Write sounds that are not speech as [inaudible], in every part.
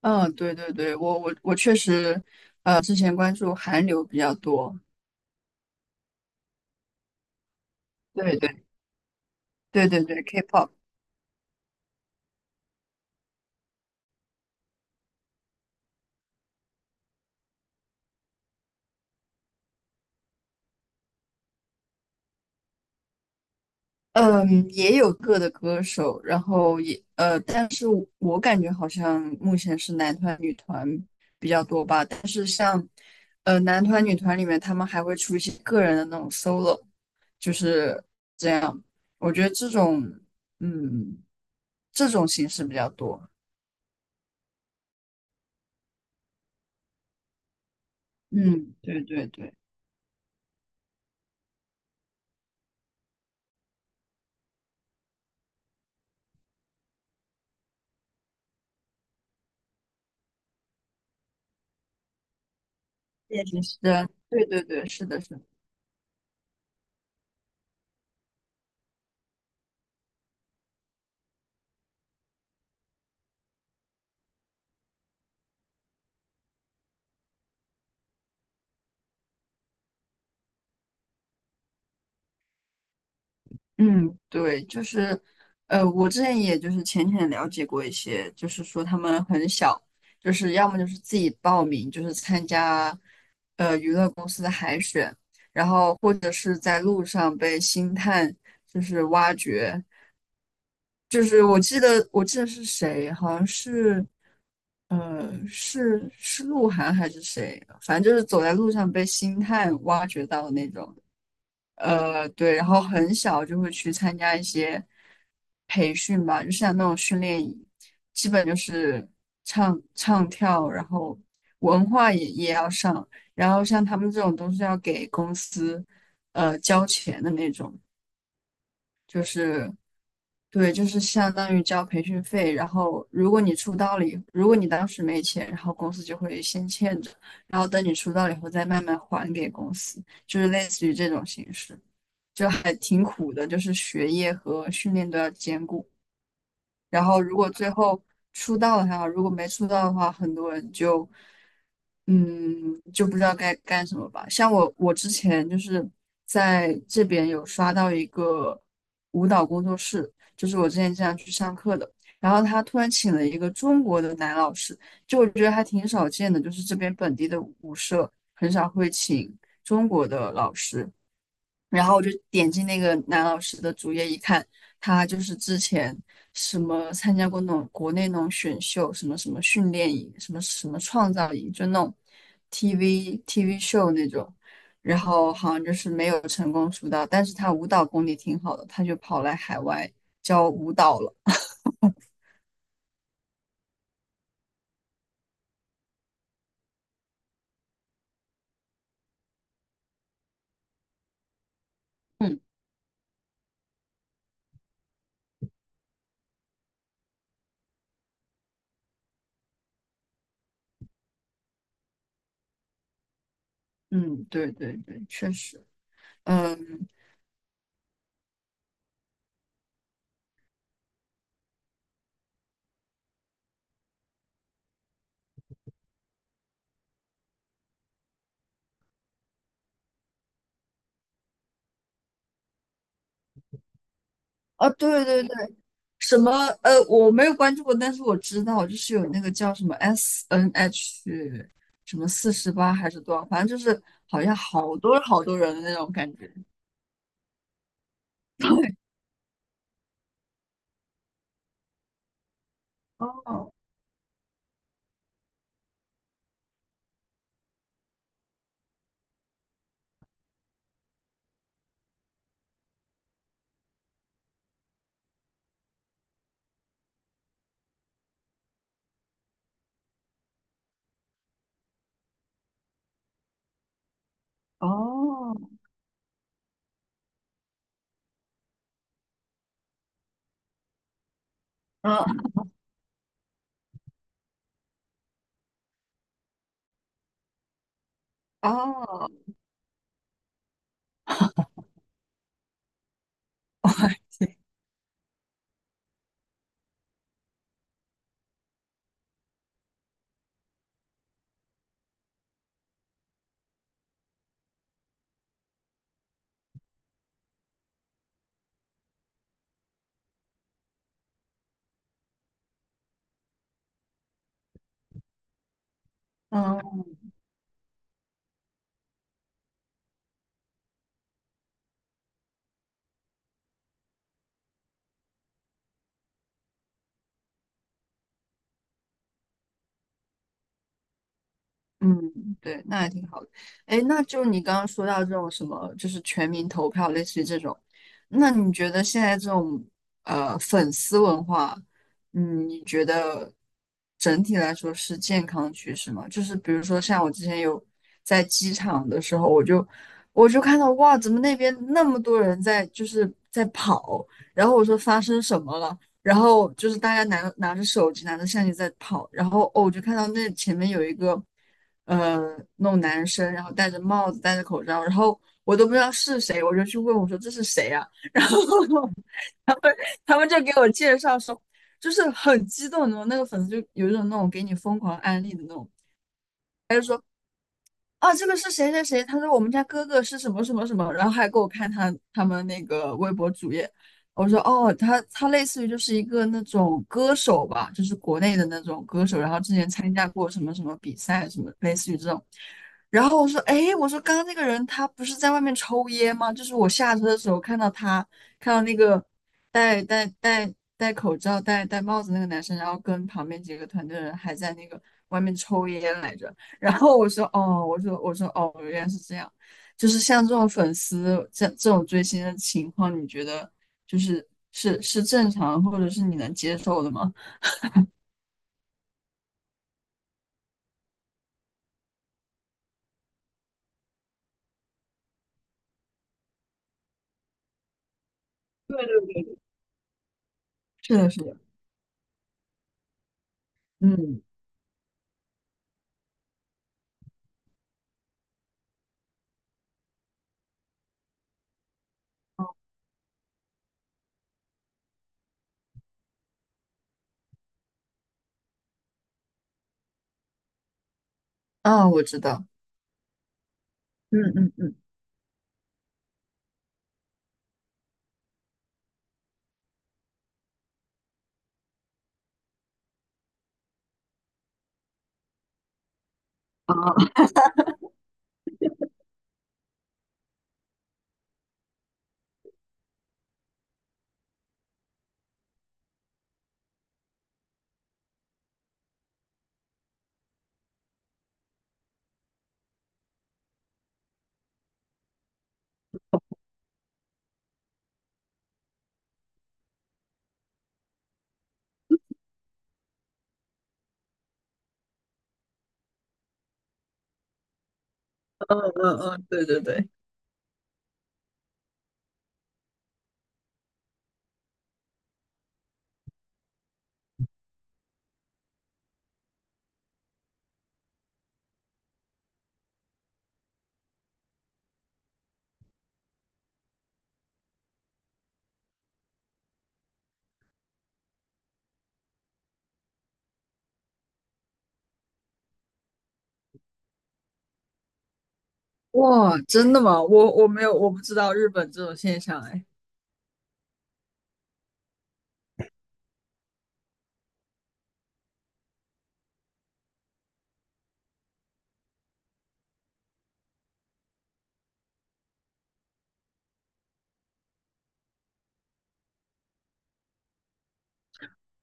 嗯，对对对，我确实，之前关注韩流比较多。对对对对对，K-pop。嗯，也有个的歌手，然后但是我感觉好像目前是男团女团比较多吧，但是像男团女团里面，他们还会出一些个人的那种 solo，就是这样，我觉得这种嗯这种形式比较多。嗯，对对对，也习是对对对，是的是的。嗯，对，就是，我之前也就是浅浅了解过一些，就是说他们很小，就是要么就是自己报名，就是参加，娱乐公司的海选，然后或者是在路上被星探就是挖掘，就是我记得是谁，好像是，是鹿晗还是谁，反正就是走在路上被星探挖掘到的那种。对，然后很小就会去参加一些培训吧，就像那种训练营，基本就是唱唱跳，然后文化也要上，然后像他们这种都是要给公司交钱的那种，就是。对，就是相当于交培训费，然后如果你出道了以，如果你当时没钱，然后公司就会先欠着，然后等你出道了以后再慢慢还给公司，就是类似于这种形式，就还挺苦的，就是学业和训练都要兼顾。然后如果最后出道了还好，如果没出道的话，很多人就就不知道该干什么吧。像我，我之前就是在这边有刷到一个舞蹈工作室，就是我之前经常去上课的。然后他突然请了一个中国的男老师，就我觉得还挺少见的，就是这边本地的舞社很少会请中国的老师。然后我就点进那个男老师的主页一看，他就是之前什么参加过那种国内那种选秀，什么什么训练营，什么什么创造营，就那种 TV 秀那种。然后好像就是没有成功出道，但是他舞蹈功底挺好的，他就跑来海外教舞蹈了。嗯嗯，对对对，确实。嗯，啊，对对对。什么？我没有关注过，但是我知道，就是有那个叫什么 SNH 什么48还是多少，反正就是好像好多好多人的那种感觉。哦哦，嗯，哦，嗯。嗯，对，那还挺好的。哎，那就你刚刚说到这种什么，就是全民投票，类似于这种，那你觉得现在这种粉丝文化，嗯，你觉得整体来说是健康的趋势吗？就是比如说像我之前有在机场的时候，我就看到哇，怎么那边那么多人在就是在跑，然后我说发生什么了，然后就是大家拿着手机拿着相机在跑，然后哦，我就看到那前面有一个那种男生，然后戴着帽子戴着口罩，然后我都不知道是谁，我就去问我说这是谁啊？然后 [laughs] 他们就给我介绍说，就是很激动的那种，那个粉丝就有一种那种给你疯狂安利的那种啊，这个是谁谁谁？他说我们家哥哥是什么什么什么，然后还给我看他们那个微博主页。我说哦，他类似于就是一个那种歌手吧，就是国内的那种歌手，然后之前参加过什么什么比赛，什么类似于这种。然后我说，哎，我说刚刚那个人他不是在外面抽烟吗？就是我下车的时候看到他，看到那个戴口罩、戴帽子那个男生，然后跟旁边几个团队的人还在那个外面抽烟来着。[laughs] 然后我说，哦，我说哦，原来是这样。就是像这种粉丝这种追星的情况，你觉得就是是正常，或者是你能接受的吗？对对对，是的，是的。嗯，啊，我知道。嗯嗯嗯，啊。嗯嗯嗯，对对对。哇，真的吗？我我没有，我不知道日本这种现象哎。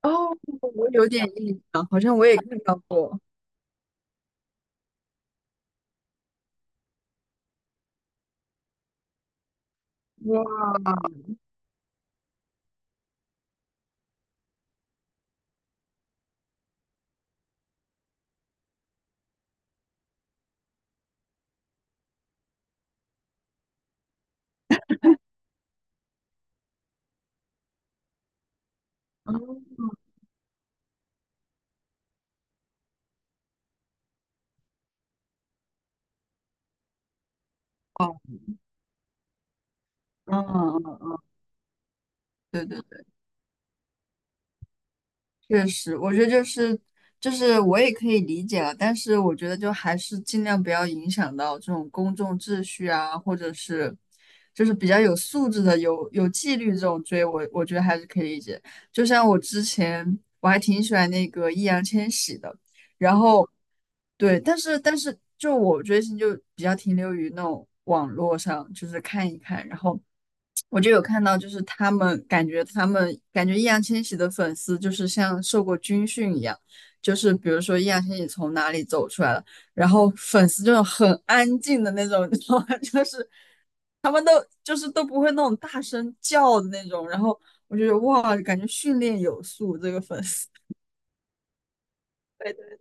哦，我有点印象，好像我也看到过。哇，嗯，哦，嗯嗯嗯，对对。确实，我觉得就是就是我也可以理解了，但是我觉得就还是尽量不要影响到这种公众秩序啊，或者是就是比较有素质的、有纪律这种追我，我觉得还是可以理解。就像我之前我还挺喜欢那个易烊千玺的，然后。对，但是就我追星就比较停留于那种网络上，就是看一看，然后我就有看到，就是他们感觉易烊千玺的粉丝就是像受过军训一样，就是比如说易烊千玺从哪里走出来了，然后粉丝就很安静的那种，你知道吗？[laughs] 就是都不会那种大声叫的那种，然后我就觉得哇，感觉训练有素，这个粉丝，[laughs] 对的，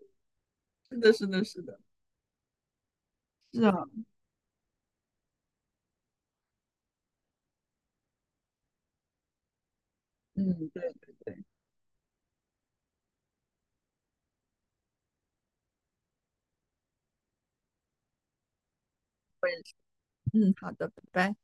是的，是的，是的，是啊，嗯，对，我也是。嗯，好的，拜拜。